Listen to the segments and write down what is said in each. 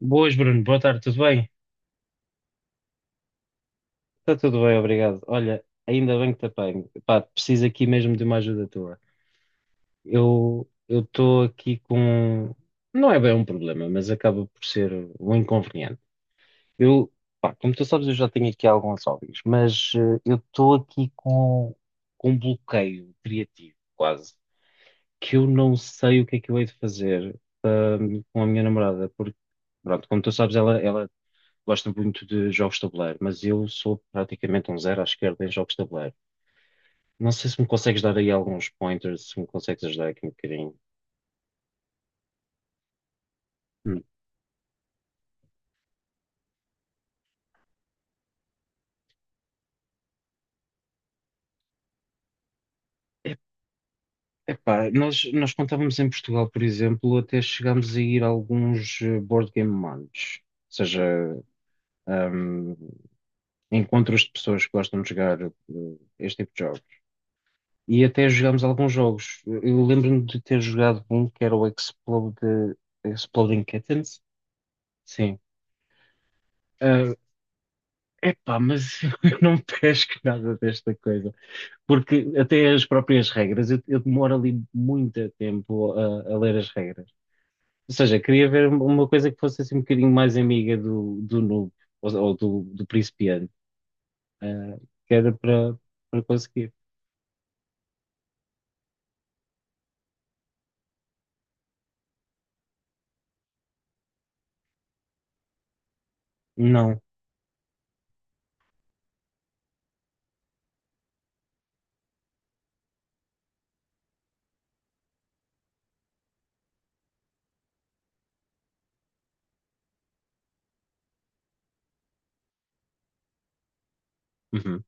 Boas, Bruno. Boa tarde, tudo bem? Está tudo bem, obrigado. Olha, ainda bem que te apanho. Pá, preciso aqui mesmo de uma ajuda tua. Eu estou aqui com. Não é bem um problema, mas acaba por ser um inconveniente. Eu, pá, como tu sabes, eu já tenho aqui alguns hobbies, mas eu estou aqui com um bloqueio criativo, quase, que eu não sei o que é que eu hei de fazer com a minha namorada, porque, pronto, como tu sabes, ela gosto muito de jogos de tabuleiro, mas eu sou praticamente um zero à esquerda em jogos de tabuleiro. Não sei se me consegues dar aí alguns pointers, se me consegues ajudar aqui um bocadinho. Hum. Epá, nós contávamos em Portugal, por exemplo, até chegámos a ir a alguns board game months, ou seja, hum, encontros de pessoas que gostam de jogar este tipo de jogos. E até jogámos alguns jogos. Eu lembro-me de ter jogado um que era o Explode, Exploding Kittens. Sim. Epá, mas eu não pesco nada desta coisa, porque até as próprias regras, eu demoro ali muito tempo a ler as regras. Ou seja, queria ver uma coisa que fosse assim um bocadinho mais amiga do, do noob, ou do, do principiante, ah, que era para para conseguir. Não. Uhum,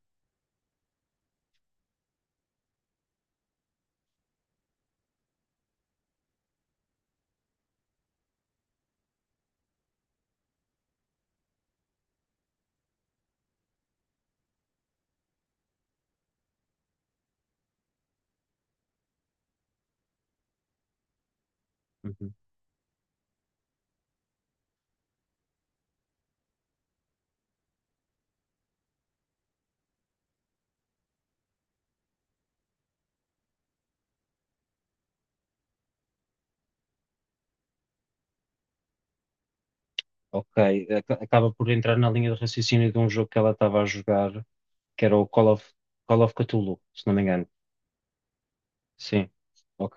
uhum. Ok, acaba por entrar na linha de raciocínio de um jogo que ela estava a jogar, que era o Call of Cthulhu, se não me engano. Sim, ok.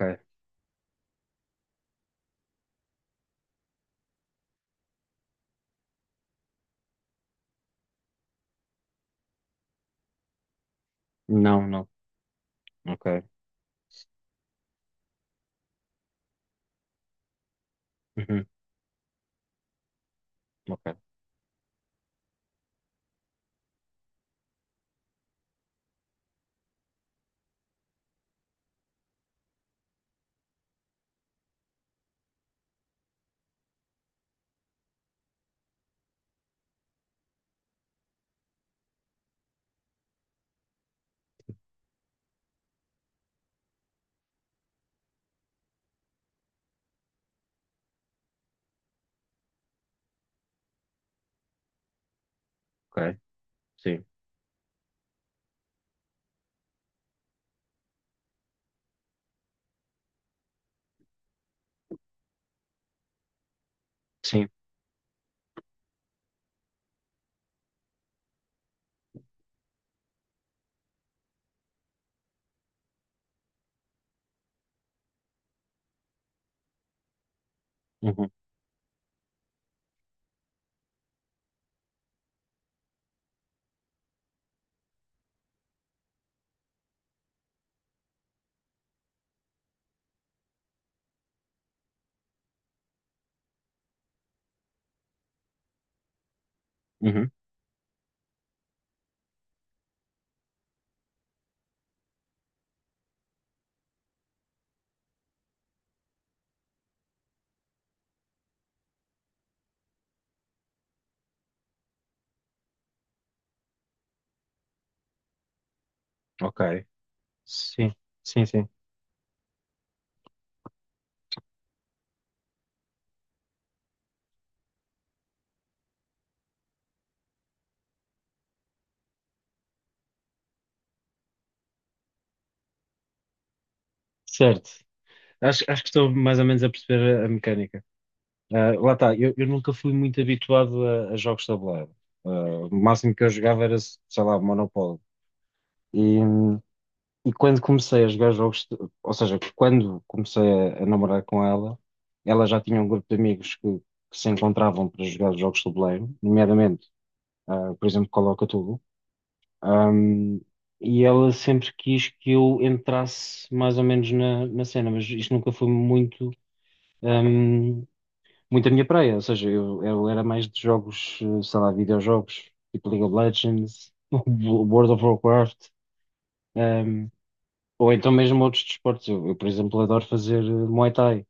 Não, não, ok. Uhum. Ok, ok, sim, sim, uhum, uhum, ok, sim, sim, sim, certo. Acho, acho que estou mais ou menos a perceber a mecânica. Ah, lá está, eu nunca fui muito habituado a jogos de tabuleiro. Ah, o máximo que eu jogava era, sei lá, Monopólio. E, e quando comecei a jogar jogos, ou seja, quando comecei a namorar com ela, ela já tinha um grupo de amigos que se encontravam para jogar jogos de tabuleiro, nomeadamente, ah, por exemplo, Call of Cthulhu. Ahm, e ela sempre quis que eu entrasse mais ou menos na, na cena, mas isto nunca foi muito, ahm, muito a minha praia. Ou seja, eu era mais de jogos, sei lá, videojogos, tipo League of Legends, World of Warcraft, ahm, ou então mesmo outros desportos. Eu, por exemplo, adoro fazer Muay Thai,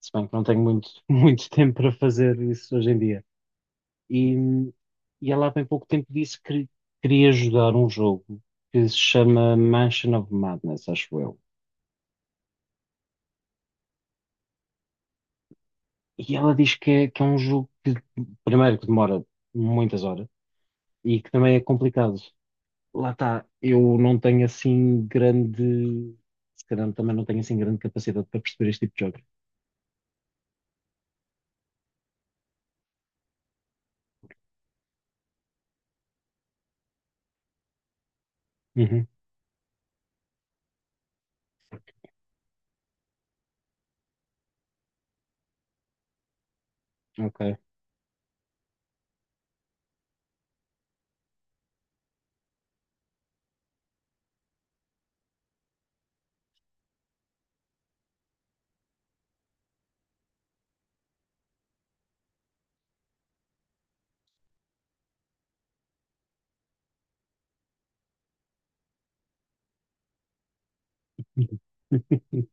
se bem que não tenho muito, muito tempo para fazer isso hoje em dia. E, e ela há bem pouco tempo disse que queria ajudar um jogo que se chama Mansion of Madness, acho eu. E ela diz que é um jogo que, primeiro, que demora muitas horas e que também é complicado. Lá está, eu não tenho assim grande. Se calhar também não tenho assim grande capacidade para perceber este tipo de jogo. Uhum, ok,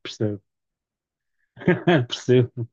percebo. Percebo.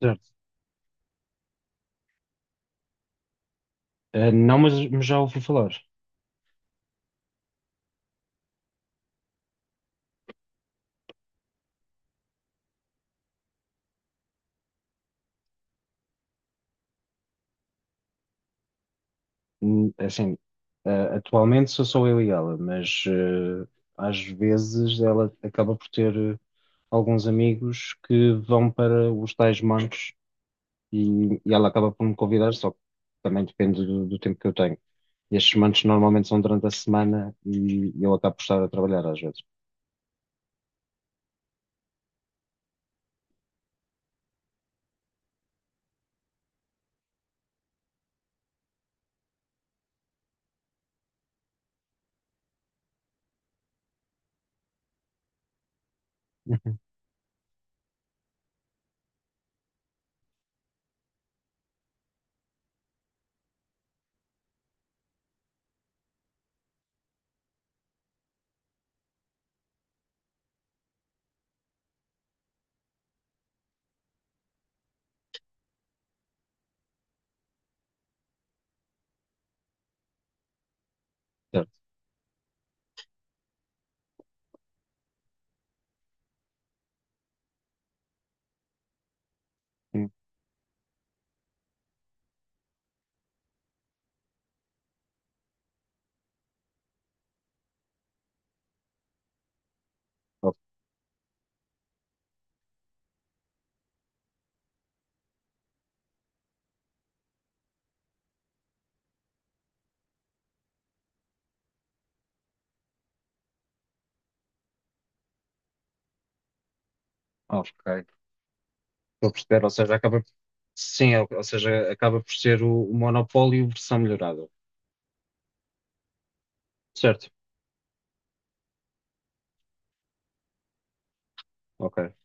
Certo. Eh, não, mas já ouvi falar. É assim, atualmente sou só eu e ela, mas às vezes ela acaba por ter alguns amigos que vão para os tais mancos e ela acaba por me convidar, só que também depende do, do tempo que eu tenho. E estes mancos normalmente são durante a semana e eu acabo por estar a trabalhar às vezes. Uhum. Certo? Sim. Ok. Estou a perceber, ou seja, acaba sim, ou seja, acaba por ser o monopólio versão melhorada. Certo? Ok.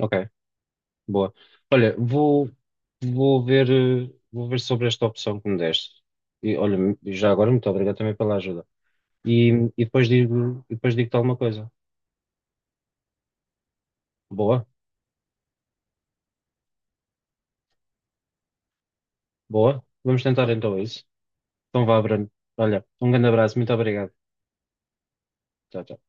Ok. Boa. Olha, vou, vou ver, vou ver sobre esta opção que me deste. E olha, já agora, muito obrigado também pela ajuda. E, e depois digo, e depois digo-te alguma coisa. Boa, boa. Vamos tentar então isso. Então vá, Bruno. Olha, um grande abraço, muito obrigado. Tchau, tchau.